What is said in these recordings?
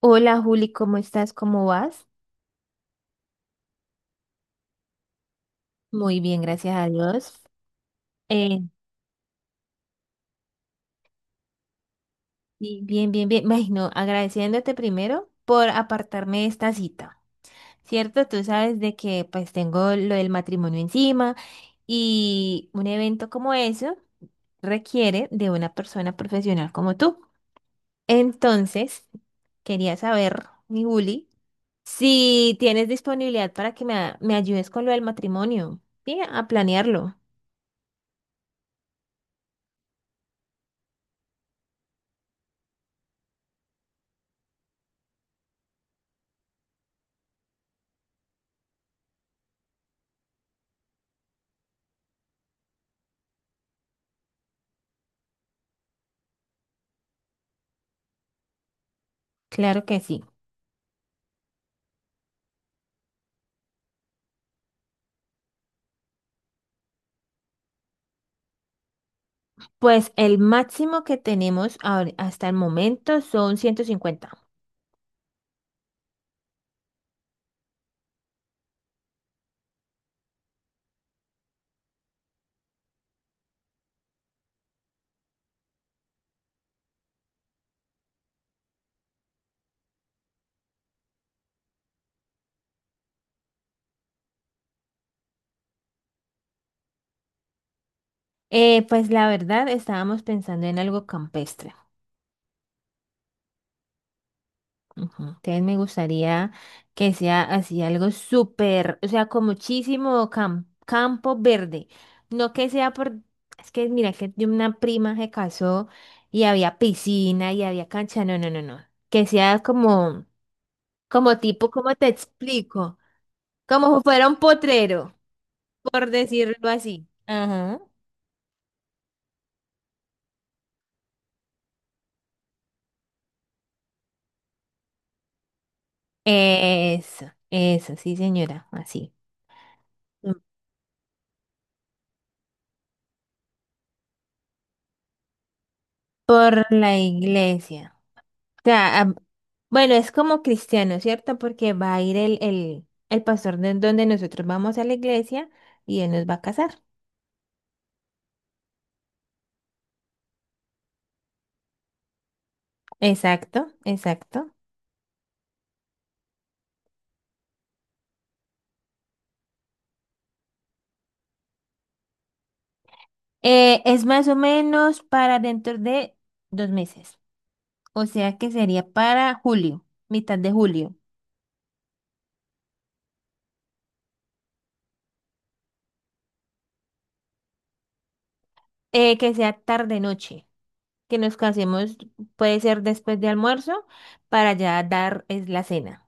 Hola Juli, ¿cómo estás? ¿Cómo vas? Muy bien, gracias a Dios. Eh, sí, bien, bien, bien. Ay, no, agradeciéndote primero por apartarme de esta cita. ¿Cierto? Tú sabes de que pues tengo lo del matrimonio encima y un evento como eso requiere de una persona profesional como tú. Entonces, quería saber, mi Juli, si tienes disponibilidad para que me ayudes con lo del matrimonio, ¿sí? A planearlo. Claro que sí. Pues el máximo que tenemos hasta el momento son 150. Pues la verdad estábamos pensando en algo campestre. Ujú. Entonces me gustaría que sea así algo súper, o sea, con muchísimo campo verde. No que sea por, es que mira que de una prima se casó y había piscina y había cancha. No, no, no, no. Que sea como, como tipo, ¿cómo te explico? Como si fuera un potrero, por decirlo así. Ajá. Eso, sí, señora, así. Por la iglesia. O sea, ah, bueno, es como cristiano, ¿cierto? Porque va a ir el pastor de donde nosotros vamos a la iglesia y él nos va a casar. Exacto, exacto. Es más o menos para dentro de dos meses. O sea que sería para julio, mitad de julio. Que sea tarde noche. Que nos casemos, puede ser después de almuerzo, para ya dar es la cena.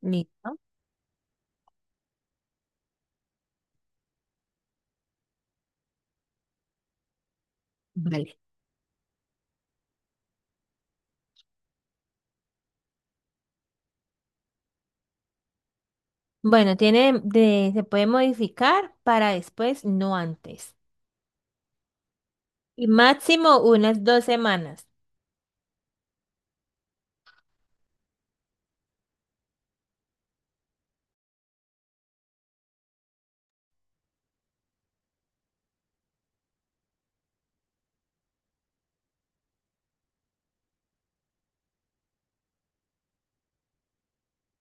Listo. Vale. Bueno, tiene se puede modificar para después, no antes. Y máximo unas dos semanas.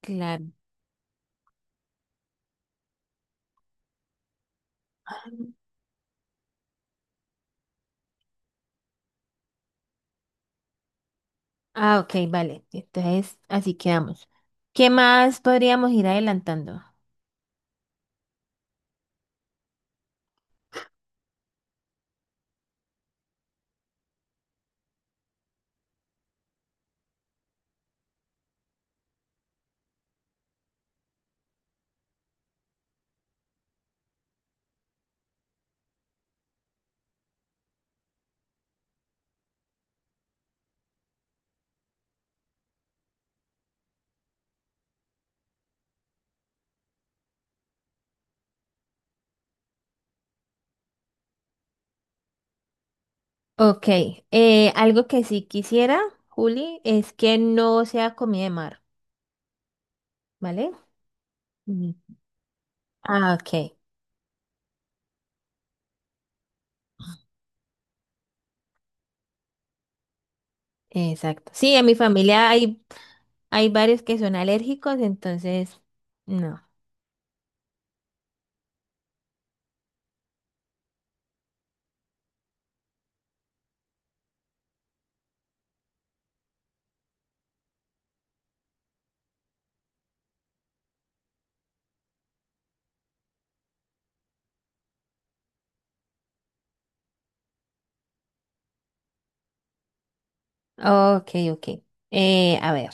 Claro. Ah, ok, vale. Entonces, así quedamos. ¿Qué más podríamos ir adelantando? Ok, algo que sí quisiera, Juli, es que no sea comida de mar, ¿vale? Ujú. Ah, ok, exacto. Sí, en mi familia hay, hay varios que son alérgicos, entonces, no. Ok, ok. A ver.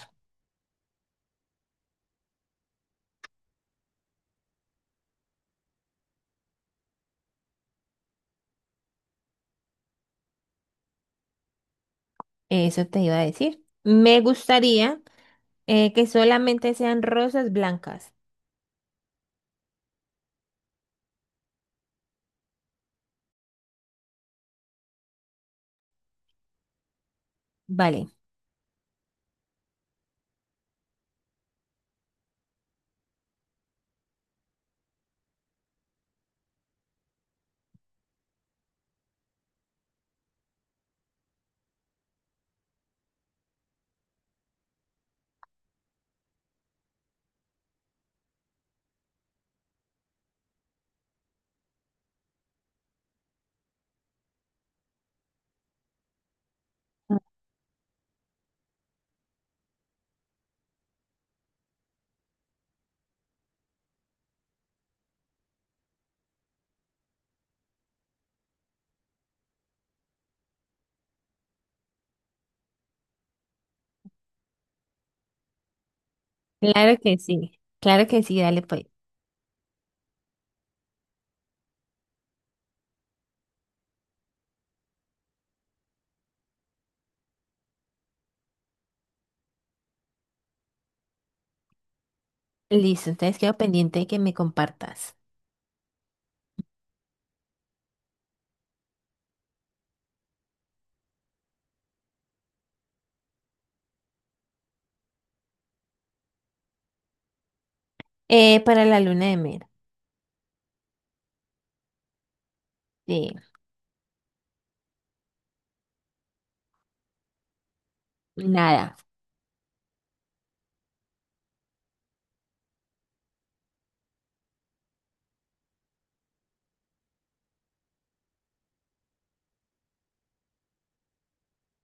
Eso te iba a decir. Me gustaría que solamente sean rosas blancas. Vale, claro que sí. Claro que sí, dale pues. Listo, entonces quedo pendiente de que me compartas. Para la luna de miel. Sí, nada.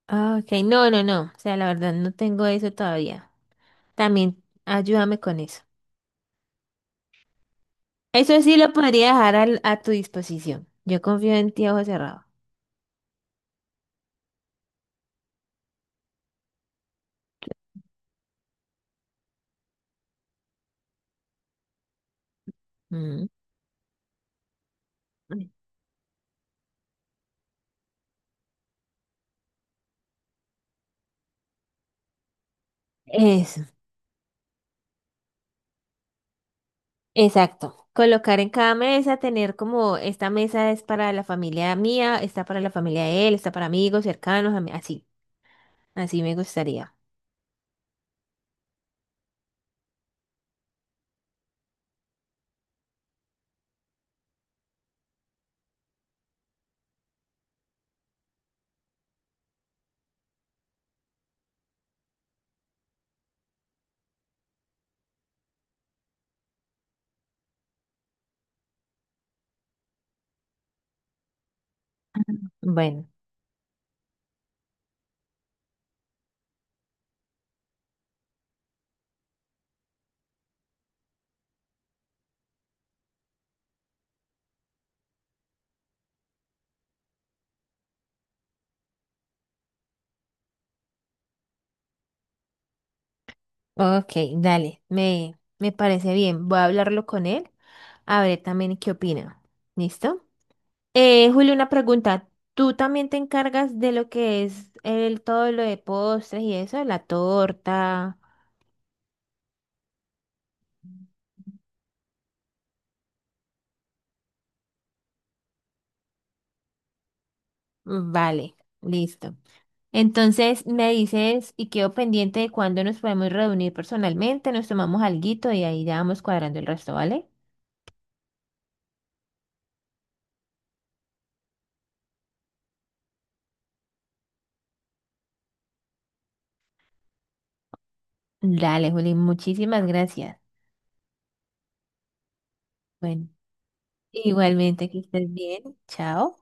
Ah, ok, no, no, no. O sea, la verdad no tengo eso todavía. También ayúdame con eso. Eso sí lo podría dejar tu disposición. Yo confío en ti a ojo cerrado. Ujú. Eso. Exacto. Colocar en cada mesa, tener como esta mesa es para la familia mía, esta para la familia de él, esta para amigos cercanos, así, así me gustaría. Bueno, ok, dale, me parece bien. Voy a hablarlo con él, a ver también qué opina. ¿Listo? Julio, una pregunta. ¿Tú también te encargas de lo que es el todo lo de postres y eso, la torta? Vale, listo. Entonces me dices y quedo pendiente de cuándo nos podemos reunir personalmente, nos tomamos alguito y ahí ya vamos cuadrando el resto, ¿vale? Dale, Juli, muchísimas gracias. Bueno, igualmente que estés bien. Chao.